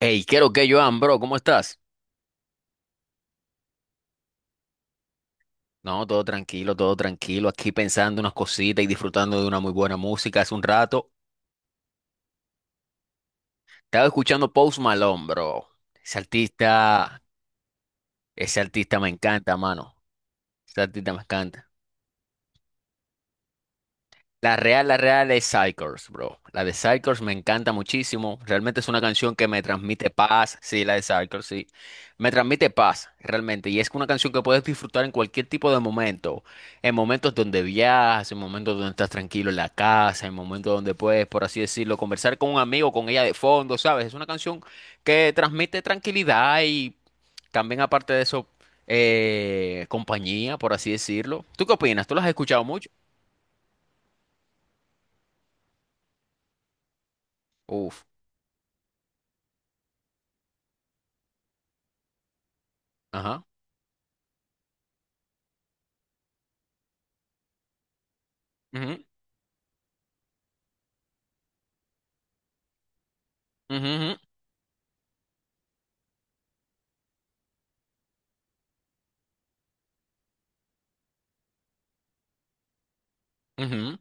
Hey, ¿qué lo que, Joan, bro? ¿Cómo estás? No, todo tranquilo, todo tranquilo. Aquí pensando unas cositas y disfrutando de una muy buena música hace un rato. Estaba escuchando Post Malone, bro. Ese artista, ese artista me encanta, mano. Ese artista me encanta. La real es Psychers, bro. La de Psychers me encanta muchísimo. Realmente es una canción que me transmite paz. Sí, la de Psychers, sí. Me transmite paz, realmente. Y es una canción que puedes disfrutar en cualquier tipo de momento. En momentos donde viajas, en momentos donde estás tranquilo en la casa, en momentos donde puedes, por así decirlo, conversar con un amigo, con ella de fondo, ¿sabes? Es una canción que transmite tranquilidad y también, aparte de eso, compañía, por así decirlo. ¿Tú qué opinas? ¿Tú la has escuchado mucho? Uf, ajá. Ujú, ujú, ujú, ujú,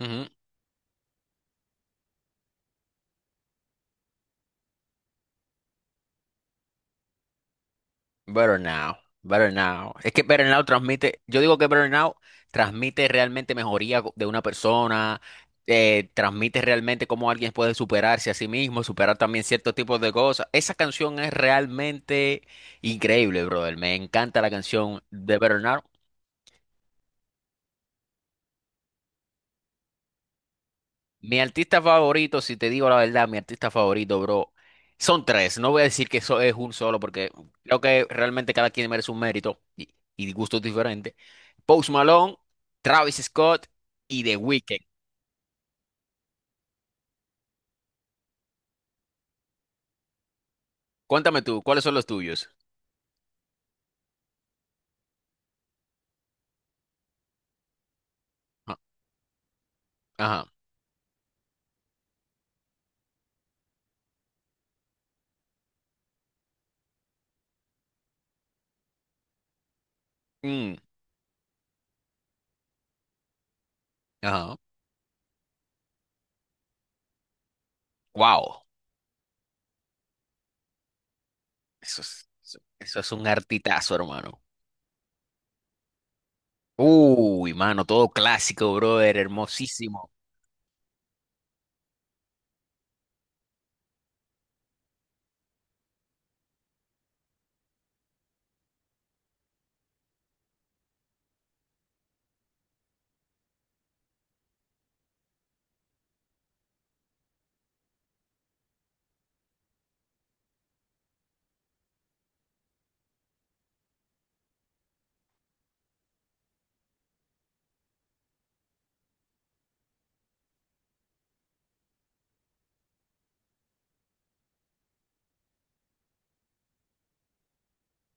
ujú. Better now, better now. Es que better now transmite, yo digo que better now transmite realmente mejoría de una persona, transmite realmente cómo alguien puede superarse a sí mismo, superar también ciertos tipos de cosas. Esa canción es realmente increíble, brother. Me encanta la canción de Better Now. Mi artista favorito, si te digo la verdad, mi artista favorito, bro, son tres. No voy a decir que eso es un solo, porque creo que realmente cada quien merece un mérito y gustos diferentes. Post Malone, Travis Scott y The Weeknd. Cuéntame tú, ¿cuáles son los tuyos? Ah, ajá. Mm, ajá. Wow. Eso es, eso es un artitazo, hermano. Uy, mano, todo clásico, brother, hermosísimo.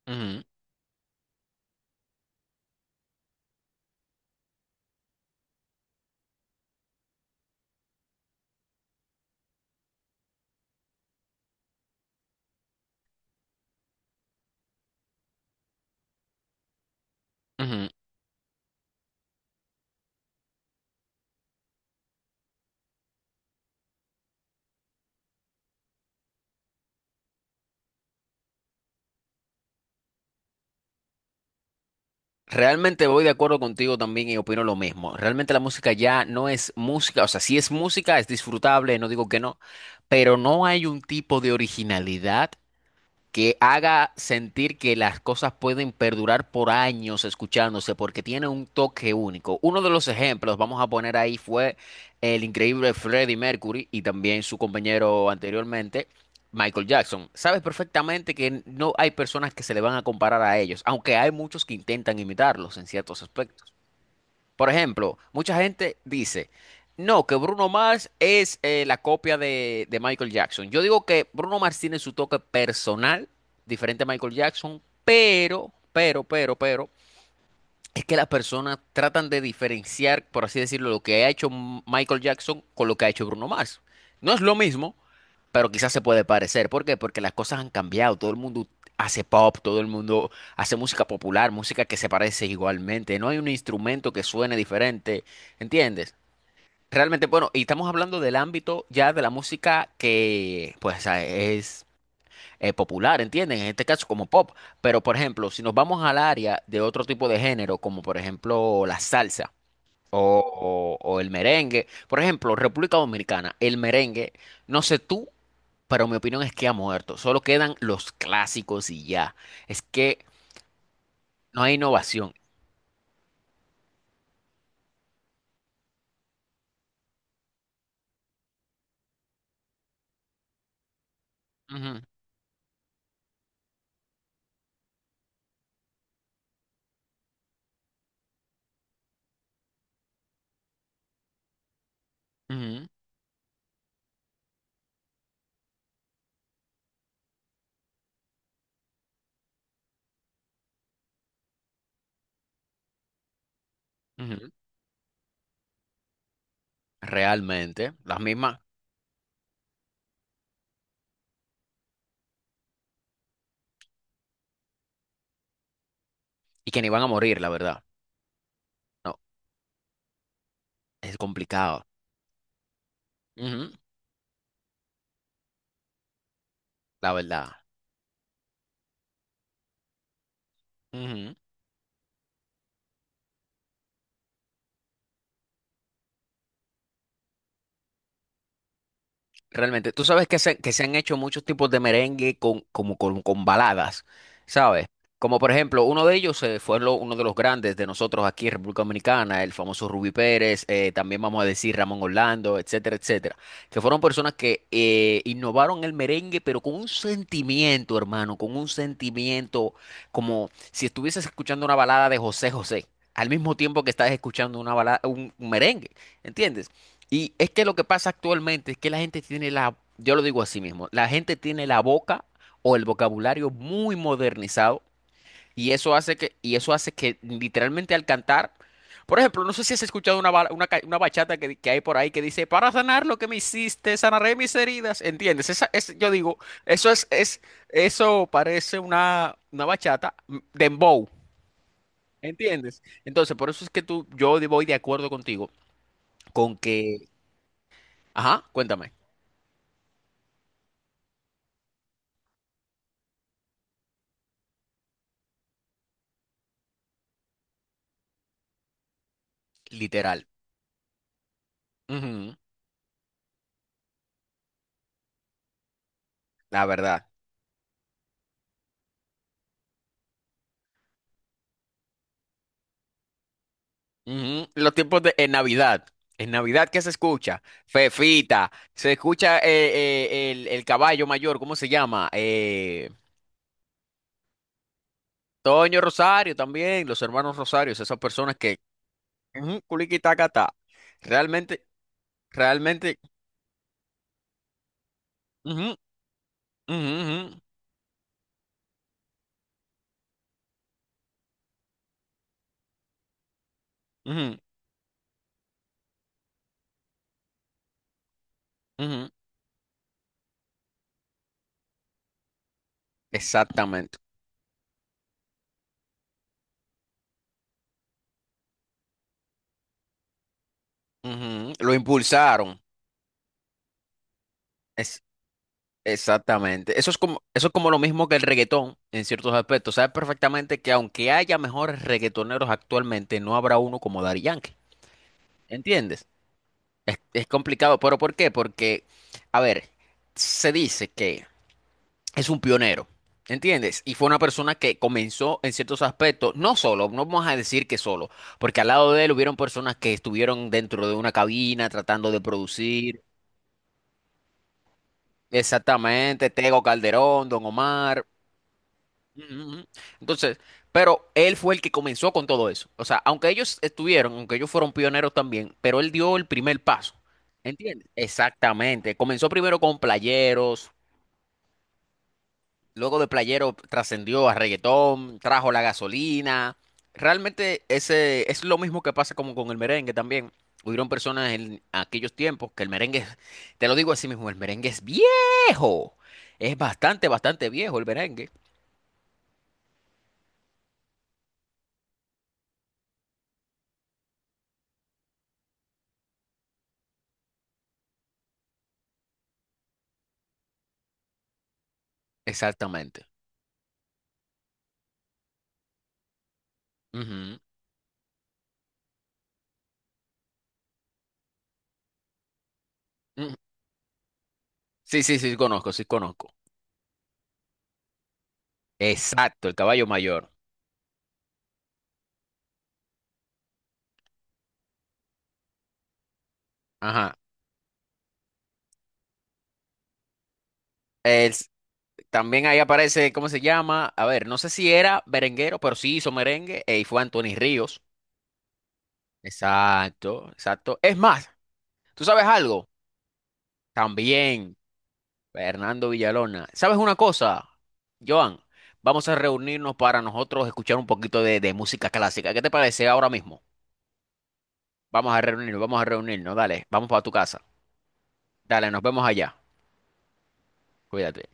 Ujú, ujú. Realmente voy de acuerdo contigo también y opino lo mismo. Realmente la música ya no es música, o sea, si es música, es disfrutable, no digo que no, pero no hay un tipo de originalidad que haga sentir que las cosas pueden perdurar por años escuchándose porque tiene un toque único. Uno de los ejemplos, vamos a poner ahí, fue el increíble Freddie Mercury y también su compañero anteriormente, Michael Jackson. Sabes perfectamente que no hay personas que se le van a comparar a ellos, aunque hay muchos que intentan imitarlos en ciertos aspectos. Por ejemplo, mucha gente dice, no, que Bruno Mars es la copia de, Michael Jackson. Yo digo que Bruno Mars tiene su toque personal, diferente a Michael Jackson, pero, es que las personas tratan de diferenciar, por así decirlo, lo que ha hecho Michael Jackson con lo que ha hecho Bruno Mars. No es lo mismo, pero quizás se puede parecer. ¿Por qué? Porque las cosas han cambiado. Todo el mundo hace pop, todo el mundo hace música popular, música que se parece igualmente. No hay un instrumento que suene diferente. ¿Entiendes? Realmente, bueno, y estamos hablando del ámbito ya de la música que, pues, es popular, ¿entienden? En este caso, como pop. Pero, por ejemplo, si nos vamos al área de otro tipo de género, como por ejemplo la salsa o el merengue, por ejemplo, República Dominicana, el merengue, no sé tú, pero mi opinión es que ha muerto. Solo quedan los clásicos y ya. Es que no hay innovación. Ujú, ujú, ujú. Realmente, las mismas. Y que ni van a morir, la verdad. No, es complicado. Ujú, la verdad. Ujú. Realmente, tú sabes que se han hecho muchos tipos de merengue con, con baladas, ¿sabes? Como por ejemplo, uno de ellos fue uno de los grandes de nosotros aquí en República Dominicana, el famoso Rubí Pérez, también vamos a decir Ramón Orlando, etcétera, etcétera, que fueron personas que innovaron el merengue, pero con un sentimiento, hermano, con un sentimiento como si estuvieses escuchando una balada de José José, al mismo tiempo que estás escuchando una balada, un merengue, ¿entiendes? Y es que lo que pasa actualmente es que la gente tiene la, yo lo digo así mismo, la gente tiene la boca o el vocabulario muy modernizado y eso hace que literalmente al cantar, por ejemplo, no sé si has escuchado una, ba- una, ca- una bachata que hay por ahí que dice, para sanar lo que me hiciste, sanaré mis heridas, ¿entiendes? Yo digo, eso es, eso parece una bachata dembow, ¿entiendes? Entonces, por eso es que yo voy de acuerdo contigo con que, ajá, cuéntame. Literal, Ujú, La verdad. Ujú. Los tiempos de en Navidad. En Navidad, ¿qué se escucha? Fefita. Se escucha el caballo mayor, ¿cómo se llama? Toño Rosario también, los hermanos Rosarios, esas personas que... Ujú, culiquitacata. Realmente, realmente. Ujú, ujú, ujú, ujú, ujú. Exactamente. Ujú, Lo impulsaron. Exactamente. Eso es como lo mismo que el reggaetón en ciertos aspectos. Sabes perfectamente que aunque haya mejores reggaetoneros actualmente, no habrá uno como Daddy Yankee. ¿Entiendes? Es complicado. ¿Pero por qué? Porque, a ver, se dice que es un pionero. ¿Entiendes? Y fue una persona que comenzó en ciertos aspectos, no solo, no vamos a decir que solo, porque al lado de él hubieron personas que estuvieron dentro de una cabina tratando de producir. Exactamente, Tego Calderón, Don Omar. Ujú, ujú. Entonces, pero él fue el que comenzó con todo eso. O sea, aunque ellos estuvieron, aunque ellos fueron pioneros también, pero él dio el primer paso. ¿Entiendes? Exactamente. Comenzó primero con playeros, luego de playeros trascendió a reggaetón, trajo la gasolina. Realmente ese es lo mismo que pasa como con el merengue también. Hubieron personas en aquellos tiempos que el merengue, te lo digo así mismo, el merengue es viejo. Es bastante, bastante viejo el merengue. Exactamente. Ujú. Sí, sí, sí, conozco, sí, conozco. Exacto, el caballo mayor. Ajá. Es- también ahí aparece, ¿cómo se llama? A ver, no sé si era merenguero, pero sí hizo merengue y fue Anthony Ríos. Exacto, exacto. Es más, ¿tú sabes algo? También, Fernando Villalona. ¿Sabes una cosa, Joan? Vamos a reunirnos para nosotros escuchar un poquito de, música clásica. ¿Qué te parece ahora mismo? Vamos a reunirnos, dale, vamos para tu casa. Dale, nos vemos allá. Cuídate.